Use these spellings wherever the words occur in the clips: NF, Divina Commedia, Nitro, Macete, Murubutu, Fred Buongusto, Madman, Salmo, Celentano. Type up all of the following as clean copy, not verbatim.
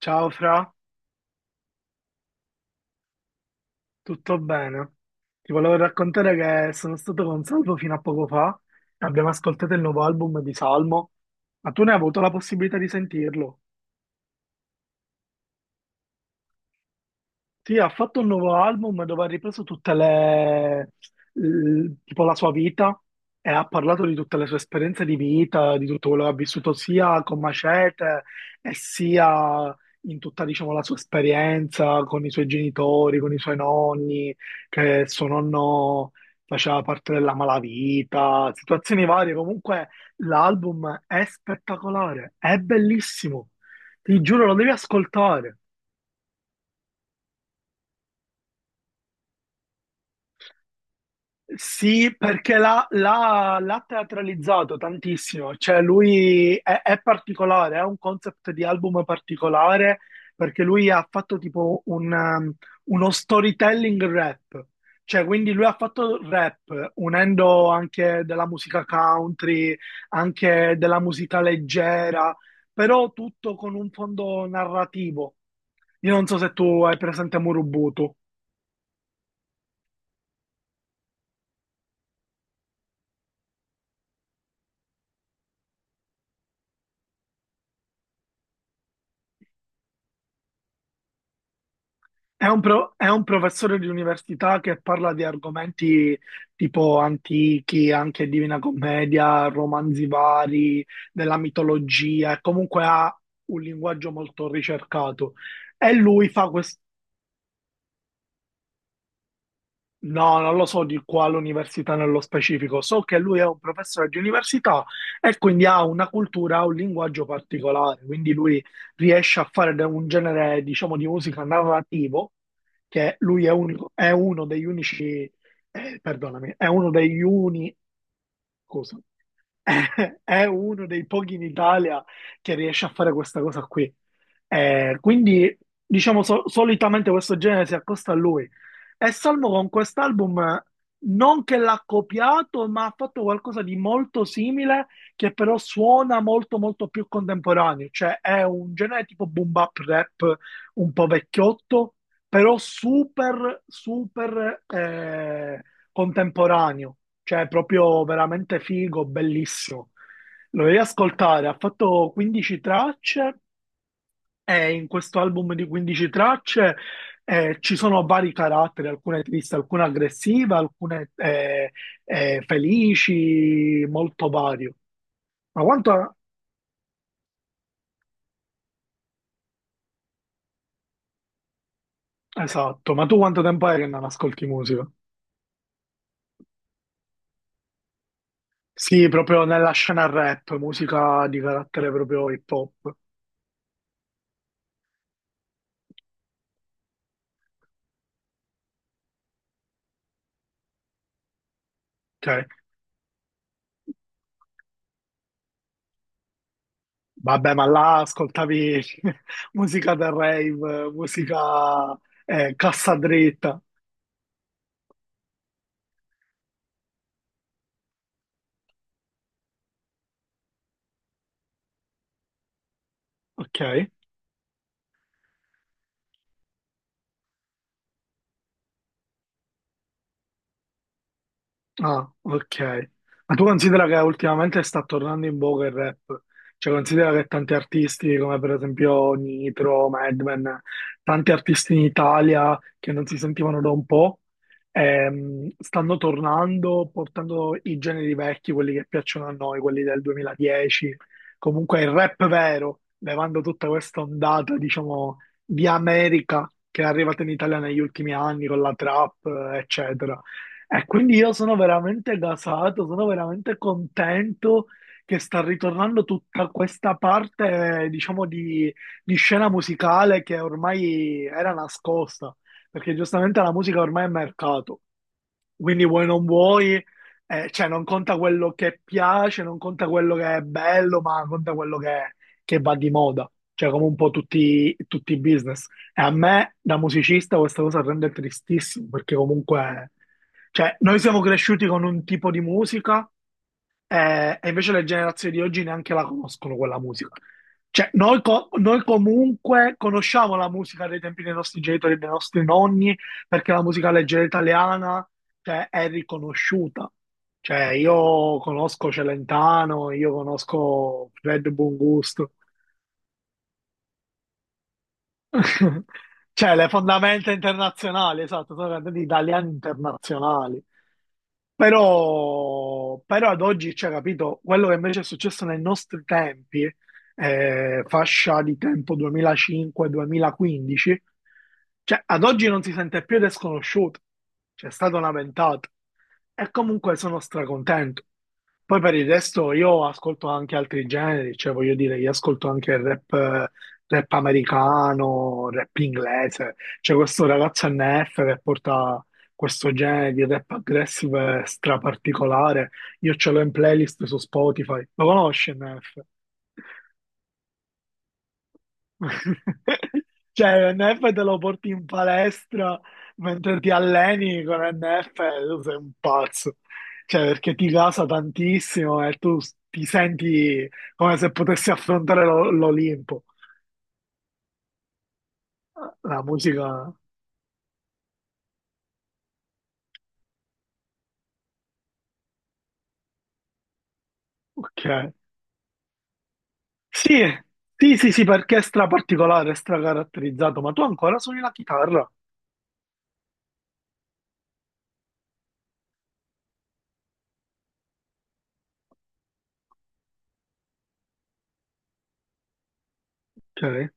Ciao Fra, tutto bene? Ti volevo raccontare che sono stato con Salvo fino a poco fa e abbiamo ascoltato il nuovo album di Salmo, ma tu ne hai avuto la possibilità di sentirlo? Sì, ha fatto un nuovo album dove ha ripreso tutte tipo la sua vita e ha parlato di tutte le sue esperienze di vita, di tutto quello che ha vissuto sia con Macete e sia in tutta, diciamo, la sua esperienza con i suoi genitori, con i suoi nonni, che suo nonno faceva parte della malavita, situazioni varie. Comunque l'album è spettacolare, è bellissimo. Ti giuro, lo devi ascoltare. Sì, perché l'ha teatralizzato tantissimo, cioè lui è particolare, è un concept di album particolare perché lui ha fatto tipo uno storytelling rap, cioè quindi lui ha fatto rap unendo anche della musica country, anche della musica leggera, però tutto con un fondo narrativo. Io non so se tu hai presente Murubutu. È un professore di università che parla di argomenti tipo antichi, anche Divina Commedia, romanzi vari, della mitologia, e comunque ha un linguaggio molto ricercato. E lui fa No, non lo so di quale università nello specifico. So che lui è un professore di università e quindi ha una cultura, ha un linguaggio particolare. Quindi lui riesce a fare un genere, diciamo, di musica narrativo, che lui è uno degli unici, perdonami, è uno degli scusa, è uno dei pochi in Italia che riesce a fare questa cosa qui. Quindi, diciamo, solitamente questo genere si accosta a lui. E Salmo con quest'album, non che l'ha copiato, ma ha fatto qualcosa di molto simile, che però suona molto, molto più contemporaneo. Cioè, è un genere tipo boom bap rap, un po' vecchiotto, però super, super, contemporaneo, cioè proprio veramente figo, bellissimo. Lo devi ascoltare, ha fatto 15 tracce e in questo album di 15 tracce ci sono vari caratteri, alcune tristi, alcune aggressive, alcune felici, molto vario. Ma quanto... Esatto, ma tu quanto tempo è che non ascolti musica? Sì, proprio nella scena rap, musica di carattere proprio hip hop. Ok? Vabbè, ma là ascoltavi musica da rave, musica cassa dritta, ok? Ah, ok. Ma tu considera che ultimamente sta tornando in voga il rap? Cioè, considera che tanti artisti, come per esempio Nitro, Madman, tanti artisti in Italia che non si sentivano da un po', stanno tornando portando i generi vecchi, quelli che piacciono a noi, quelli del 2010. Comunque il rap vero, levando tutta questa ondata, diciamo, di America che è arrivata in Italia negli ultimi anni con la trap, eccetera. E quindi io sono veramente gasato, sono veramente contento che sta ritornando tutta questa parte, diciamo, di, scena musicale che ormai era nascosta, perché giustamente la musica ormai è mercato. Quindi vuoi non vuoi, cioè non conta quello che piace, non conta quello che è bello, ma conta quello che va di moda, cioè come un po' tutti i business. E a me da musicista questa cosa rende tristissimo, perché comunque cioè, noi siamo cresciuti con un tipo di musica e invece le generazioni di oggi neanche la conoscono quella musica. Cioè, noi comunque conosciamo la musica dei tempi dei nostri genitori e dei nostri nonni, perché la musica leggera italiana, cioè, è riconosciuta. Cioè, io conosco Celentano, io conosco Fred Buongusto. Cioè, le fondamenta internazionali, esatto, sono cantati italiani internazionali. Però ad oggi, cioè, capito, quello che invece è successo nei nostri tempi, fascia di tempo 2005-2015, cioè, ad oggi non si sente più ed è sconosciuto. C'è stata una ventata. E comunque sono stracontento. Poi per il resto io ascolto anche altri generi, cioè voglio dire, io ascolto anche il rap, rap americano, rap inglese. C'è questo ragazzo NF che porta questo genere di rap aggressive straparticolare. Io ce l'ho in playlist su Spotify. Lo conosci NF? Cioè, l'NF te lo porti in palestra mentre ti alleni con l'NF, tu sei un pazzo. Cioè, perché ti casa tantissimo e tu ti senti come se potessi affrontare l'Olimpo. La musica, ok. Sì, sì, sì, sì, perché è stra particolare, è stra caratterizzato, ma tu ancora suoni la chitarra? Ok.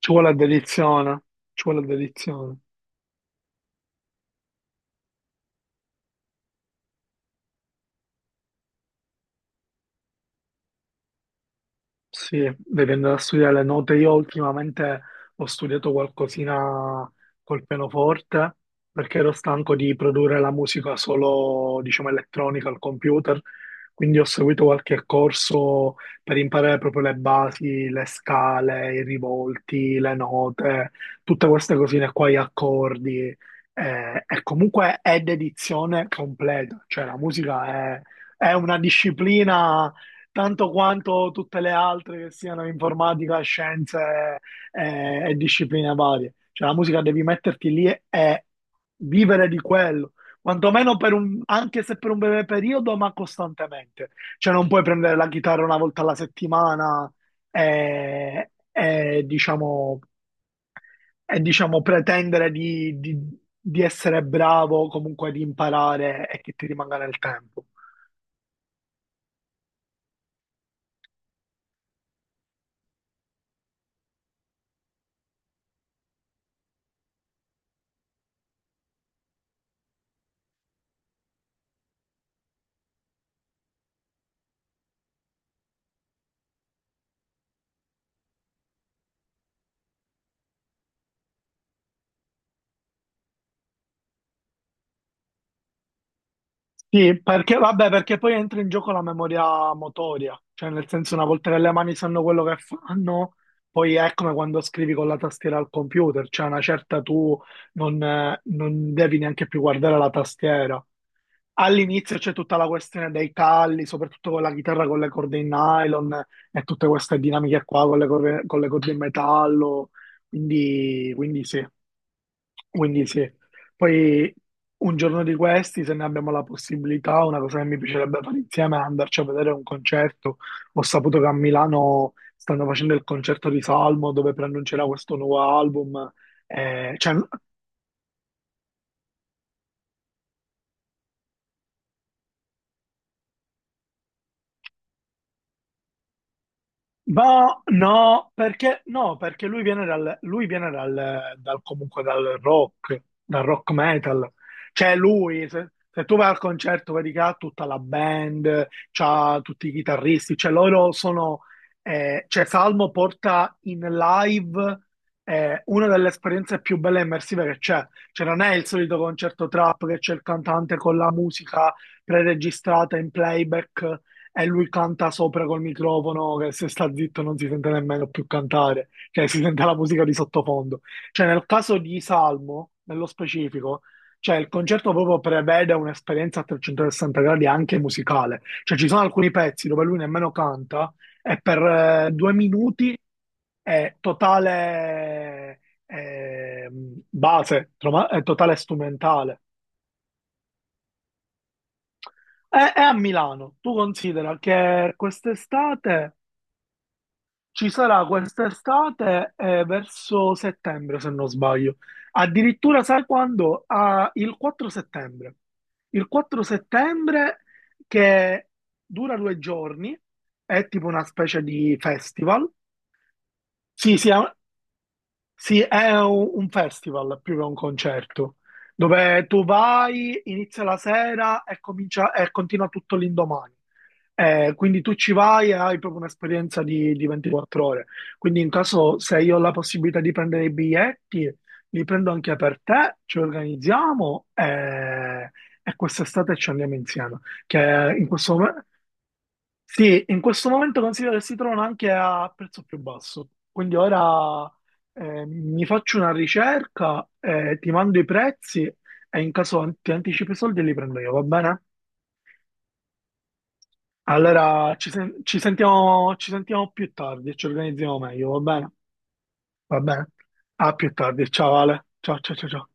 Ci vuole dedizione, ci vuole dedizione. Sì, dipende da studiare le note. Io ultimamente ho studiato qualcosina col pianoforte perché ero stanco di produrre la musica solo, diciamo, elettronica al computer. Quindi ho seguito qualche corso per imparare proprio le basi, le scale, i rivolti, le note, tutte queste cosine qua, gli accordi. E comunque è dedizione completa, cioè la musica è è una disciplina tanto quanto tutte le altre che siano informatica, scienze e discipline varie. Cioè la musica devi metterti lì e vivere di quello, quantomeno per anche se per un breve periodo, ma costantemente. Cioè non puoi prendere la chitarra una volta alla settimana e, e, diciamo, e diciamo pretendere di essere bravo, comunque di imparare e che ti rimanga nel tempo. Sì, perché, vabbè, perché poi entra in gioco la memoria motoria, cioè nel senso una volta che le mani sanno quello che fanno, poi è come quando scrivi con la tastiera al computer, cioè una certa tu non devi neanche più guardare la tastiera. All'inizio c'è tutta la questione dei calli, soprattutto con la chitarra con le corde in nylon e tutte queste dinamiche qua con con le corde in metallo, quindi, sì. Quindi sì, poi un giorno di questi, se ne abbiamo la possibilità, una cosa che mi piacerebbe fare insieme è andarci a vedere un concerto. Ho saputo che a Milano stanno facendo il concerto di Salmo dove preannuncerà questo nuovo album. Eh, cioè, Ma no, perché, no, perché lui viene dal, comunque dal rock metal. Cioè lui, se tu vai al concerto, vedi che ha tutta la band, c'ha tutti i chitarristi, cioè loro sono, cioè Salmo porta in live una delle esperienze più belle e immersive che c'è. Cioè non è il solito concerto trap che c'è il cantante con la musica preregistrata in playback e lui canta sopra col microfono che se sta zitto non si sente nemmeno più cantare, cioè si sente la musica di sottofondo. Cioè nel caso di Salmo, nello specifico, cioè il concerto proprio prevede un'esperienza a 360 gradi anche musicale, cioè ci sono alcuni pezzi dove lui nemmeno canta e per due minuti è totale eh, è totale strumentale. È a Milano, tu considera che quest'estate... Ci sarà quest'estate verso settembre, se non sbaglio. Addirittura, sai quando? Ah, il 4 settembre. Il 4 settembre che dura due giorni, è tipo una specie di festival. Sì, sì, è un festival più che un concerto, dove tu vai, inizia la sera e continua tutto l'indomani. Quindi tu ci vai e hai proprio un'esperienza di 24 ore. Quindi in caso se io ho la possibilità di prendere i biglietti, li prendo anche per te, ci organizziamo e quest'estate ci andiamo insieme. Che In questo momento sì, in questo momento considero che si trovano anche a prezzo più basso. Quindi ora mi faccio una ricerca, ti mando i prezzi e in caso ti anticipo i soldi li prendo io, va bene? Allora ci sentiamo più tardi e ci organizziamo meglio, va bene? Va bene. A più tardi, ciao Ale. Ciao ciao ciao ciao.